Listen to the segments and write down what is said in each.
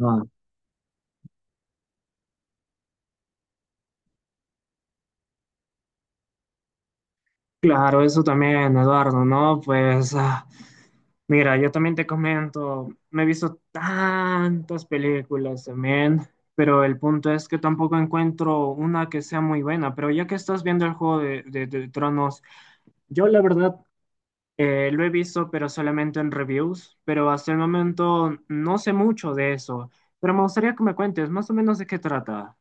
Ah, Claro, eso también, Eduardo, ¿no? Pues, mira, yo también te comento, me he visto tantas películas también, pero el punto es que tampoco encuentro una que sea muy buena. Pero ya que estás viendo el juego de, de Tronos, yo la verdad lo he visto, pero solamente en reviews, pero hasta el momento no sé mucho de eso. Pero me gustaría que me cuentes más o menos de qué trata.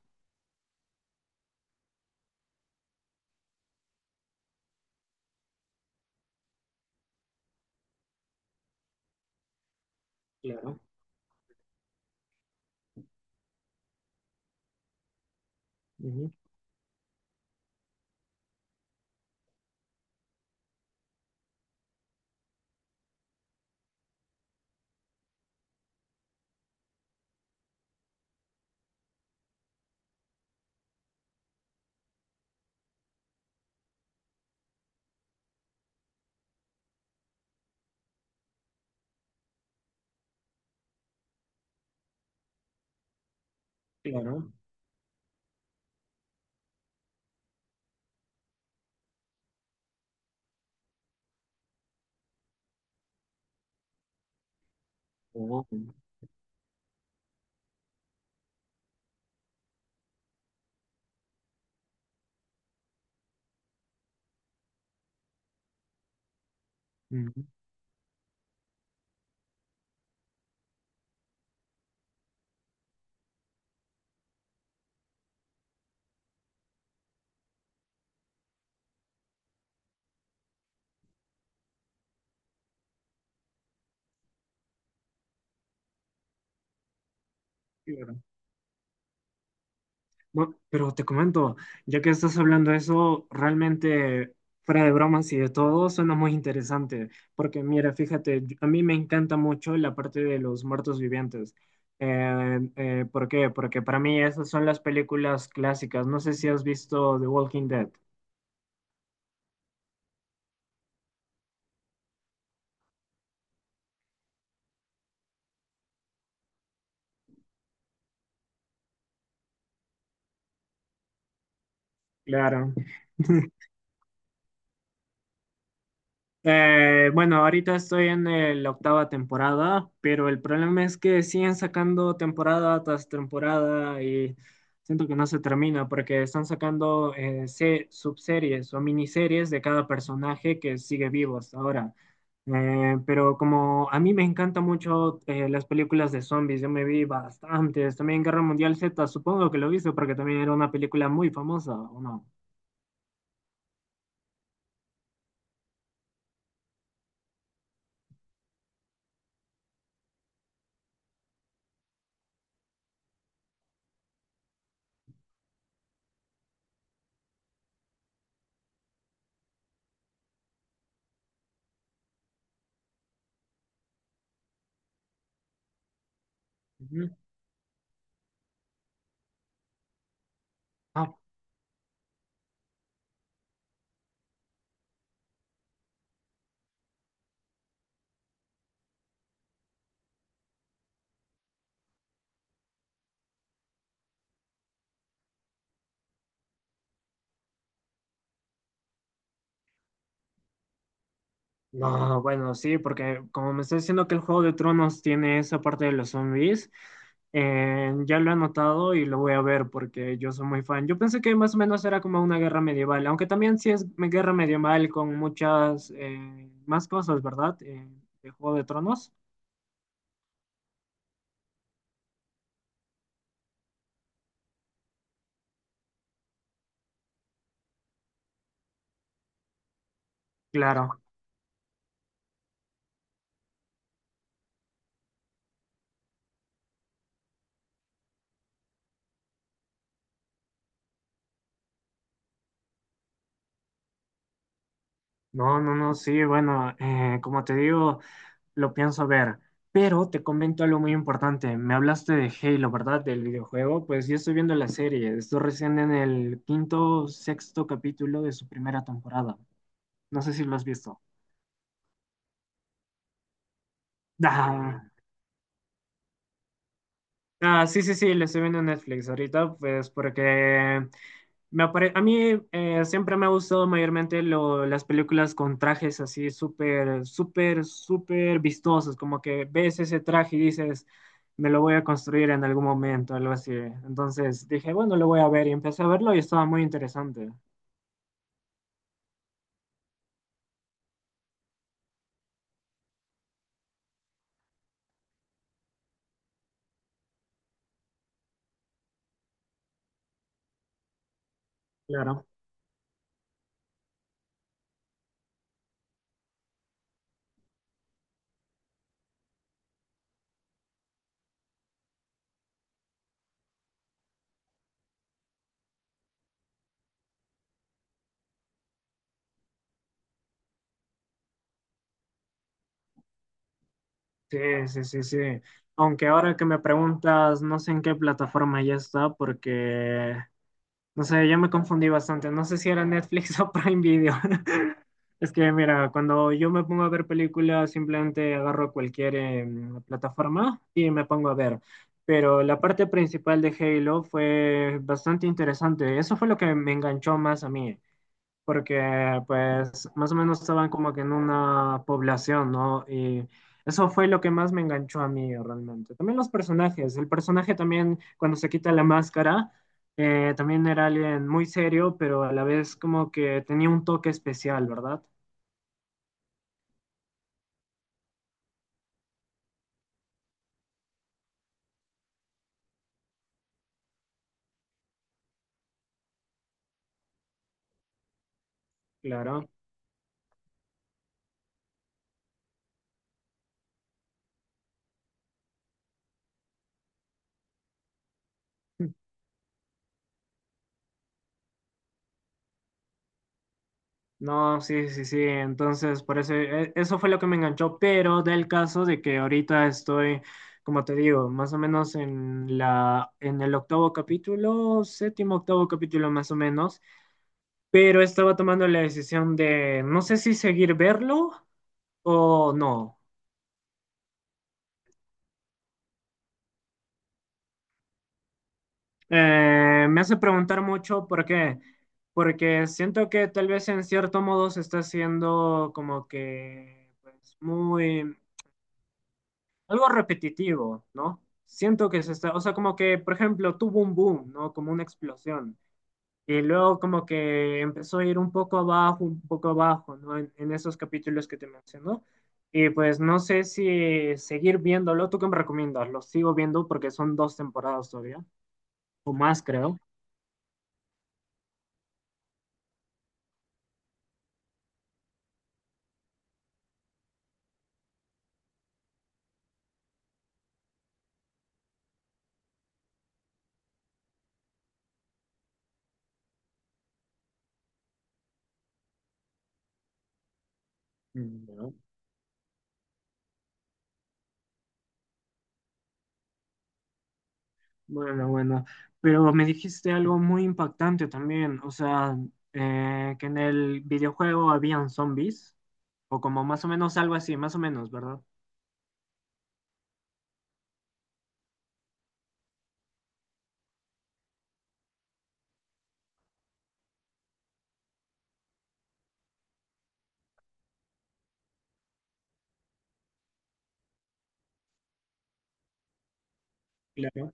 Claro, ujú, claro. Oh, ujú, claro. Bueno, pero te comento, ya que estás hablando de eso, realmente, fuera de bromas y de todo, suena muy interesante, porque mira, fíjate, yo, a mí me encanta mucho la parte de los muertos vivientes. ¿Por qué? Porque para mí esas son las películas clásicas. No sé si has visto The Walking Dead. Claro. Bueno, ahorita estoy en el- la octava temporada, pero el problema es que siguen sacando temporada tras temporada y siento que no se termina porque están sacando subseries o miniseries de cada personaje que sigue vivo hasta ahora. Pero como a mí me encantan mucho las películas de zombies, yo me vi bastantes, también Guerra Mundial Z, supongo que lo viste porque también era una película muy famosa, ¿o no? Ujú. Ah, no, bueno, sí, porque como me está diciendo que el Juego de Tronos tiene esa parte de los zombies, ya lo he anotado y lo voy a ver porque yo soy muy fan. Yo pensé que más o menos era como una guerra medieval, aunque también sí es me- guerra medieval con muchas más cosas, ¿verdad? De Juego de Tronos. Claro. No, no, no, sí, bueno, como te digo, lo pienso ver. Pero te comento algo muy importante. Me hablaste de Halo, ¿verdad? Del videojuego. Pues yo estoy viendo la serie. Estoy recién en el quinto, sexto capítulo de su primera temporada. No sé si lo has visto. Sí, sí, sí, lo estoy viendo en Netflix ahorita, pues porque me apare- a mí siempre me ha gustado mayormente lo- las películas con trajes así súper, súper, súper vistosos, como que ves ese traje y dices, me lo voy a construir en algún momento, algo así. Entonces dije, bueno, lo voy a ver y empecé a verlo y estaba muy interesante. Claro. Sí, sí, sí, sí. Aunque ahora que me preguntas, no sé en qué plataforma ya está, porque no sé, yo me confundí bastante. No sé si era Netflix o Prime Video. Es que, mira, cuando yo me pongo a ver películas, simplemente agarro cualquier plataforma y me pongo a ver. Pero la parte principal de Halo fue bastante interesante. Eso fue lo que me enganchó más a mí porque pues más o menos estaban como que en una población, ¿no? Y eso fue lo que más me enganchó a mí realmente. También los personajes, el personaje también cuando se quita la máscara, también era alguien muy serio, pero a la vez como que tenía un toque especial, ¿verdad? Claro. No, sí, sí, sí. Entonces, por eso, e- eso fue lo que me enganchó, pero del caso de que ahorita estoy, como te digo, más o menos en la, en el octavo capítulo, séptimo, octavo capítulo más o menos, pero estaba tomando la decisión de no sé si seguir verlo o no. Me hace preguntar mucho por qué, porque siento que tal vez en cierto modo se está haciendo como que, pues, muy algo repetitivo, ¿no? Siento que se está, o sea, como que, por ejemplo, tuvo un boom, ¿no? Como una explosión. Y luego como que empezó a ir un poco abajo, ¿no? En esos capítulos que te menciono. Y pues no sé si seguir viéndolo. ¿Tú qué me recomiendas? Lo sigo viendo porque son dos temporadas todavía, o más creo. No. Bueno, bueno, pero me dijiste algo muy impactante también, o sea, que en el videojuego habían zombies, o como más o menos algo así, más o menos, ¿verdad? Claro.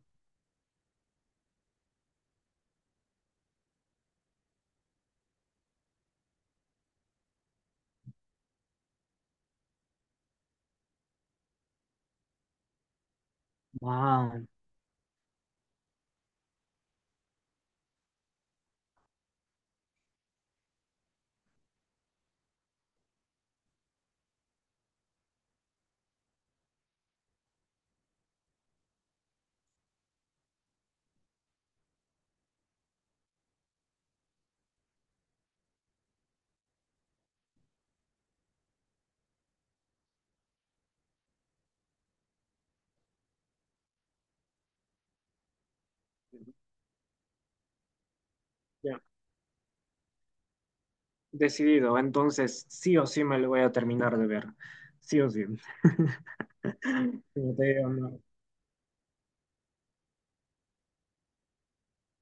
Ah, ya, decidido, entonces sí o sí me lo voy a terminar de ver, sí o sí. Como te digo, no,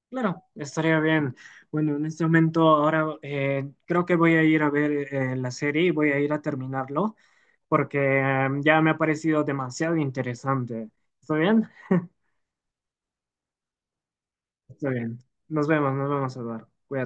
claro, estaría bien. Bueno, en este momento ahora creo que voy a ir a ver la serie y voy a ir a terminarlo porque ya me ha parecido demasiado interesante. ¿Está bien? Está bien. Nos vemos, Eduardo. Cuídate.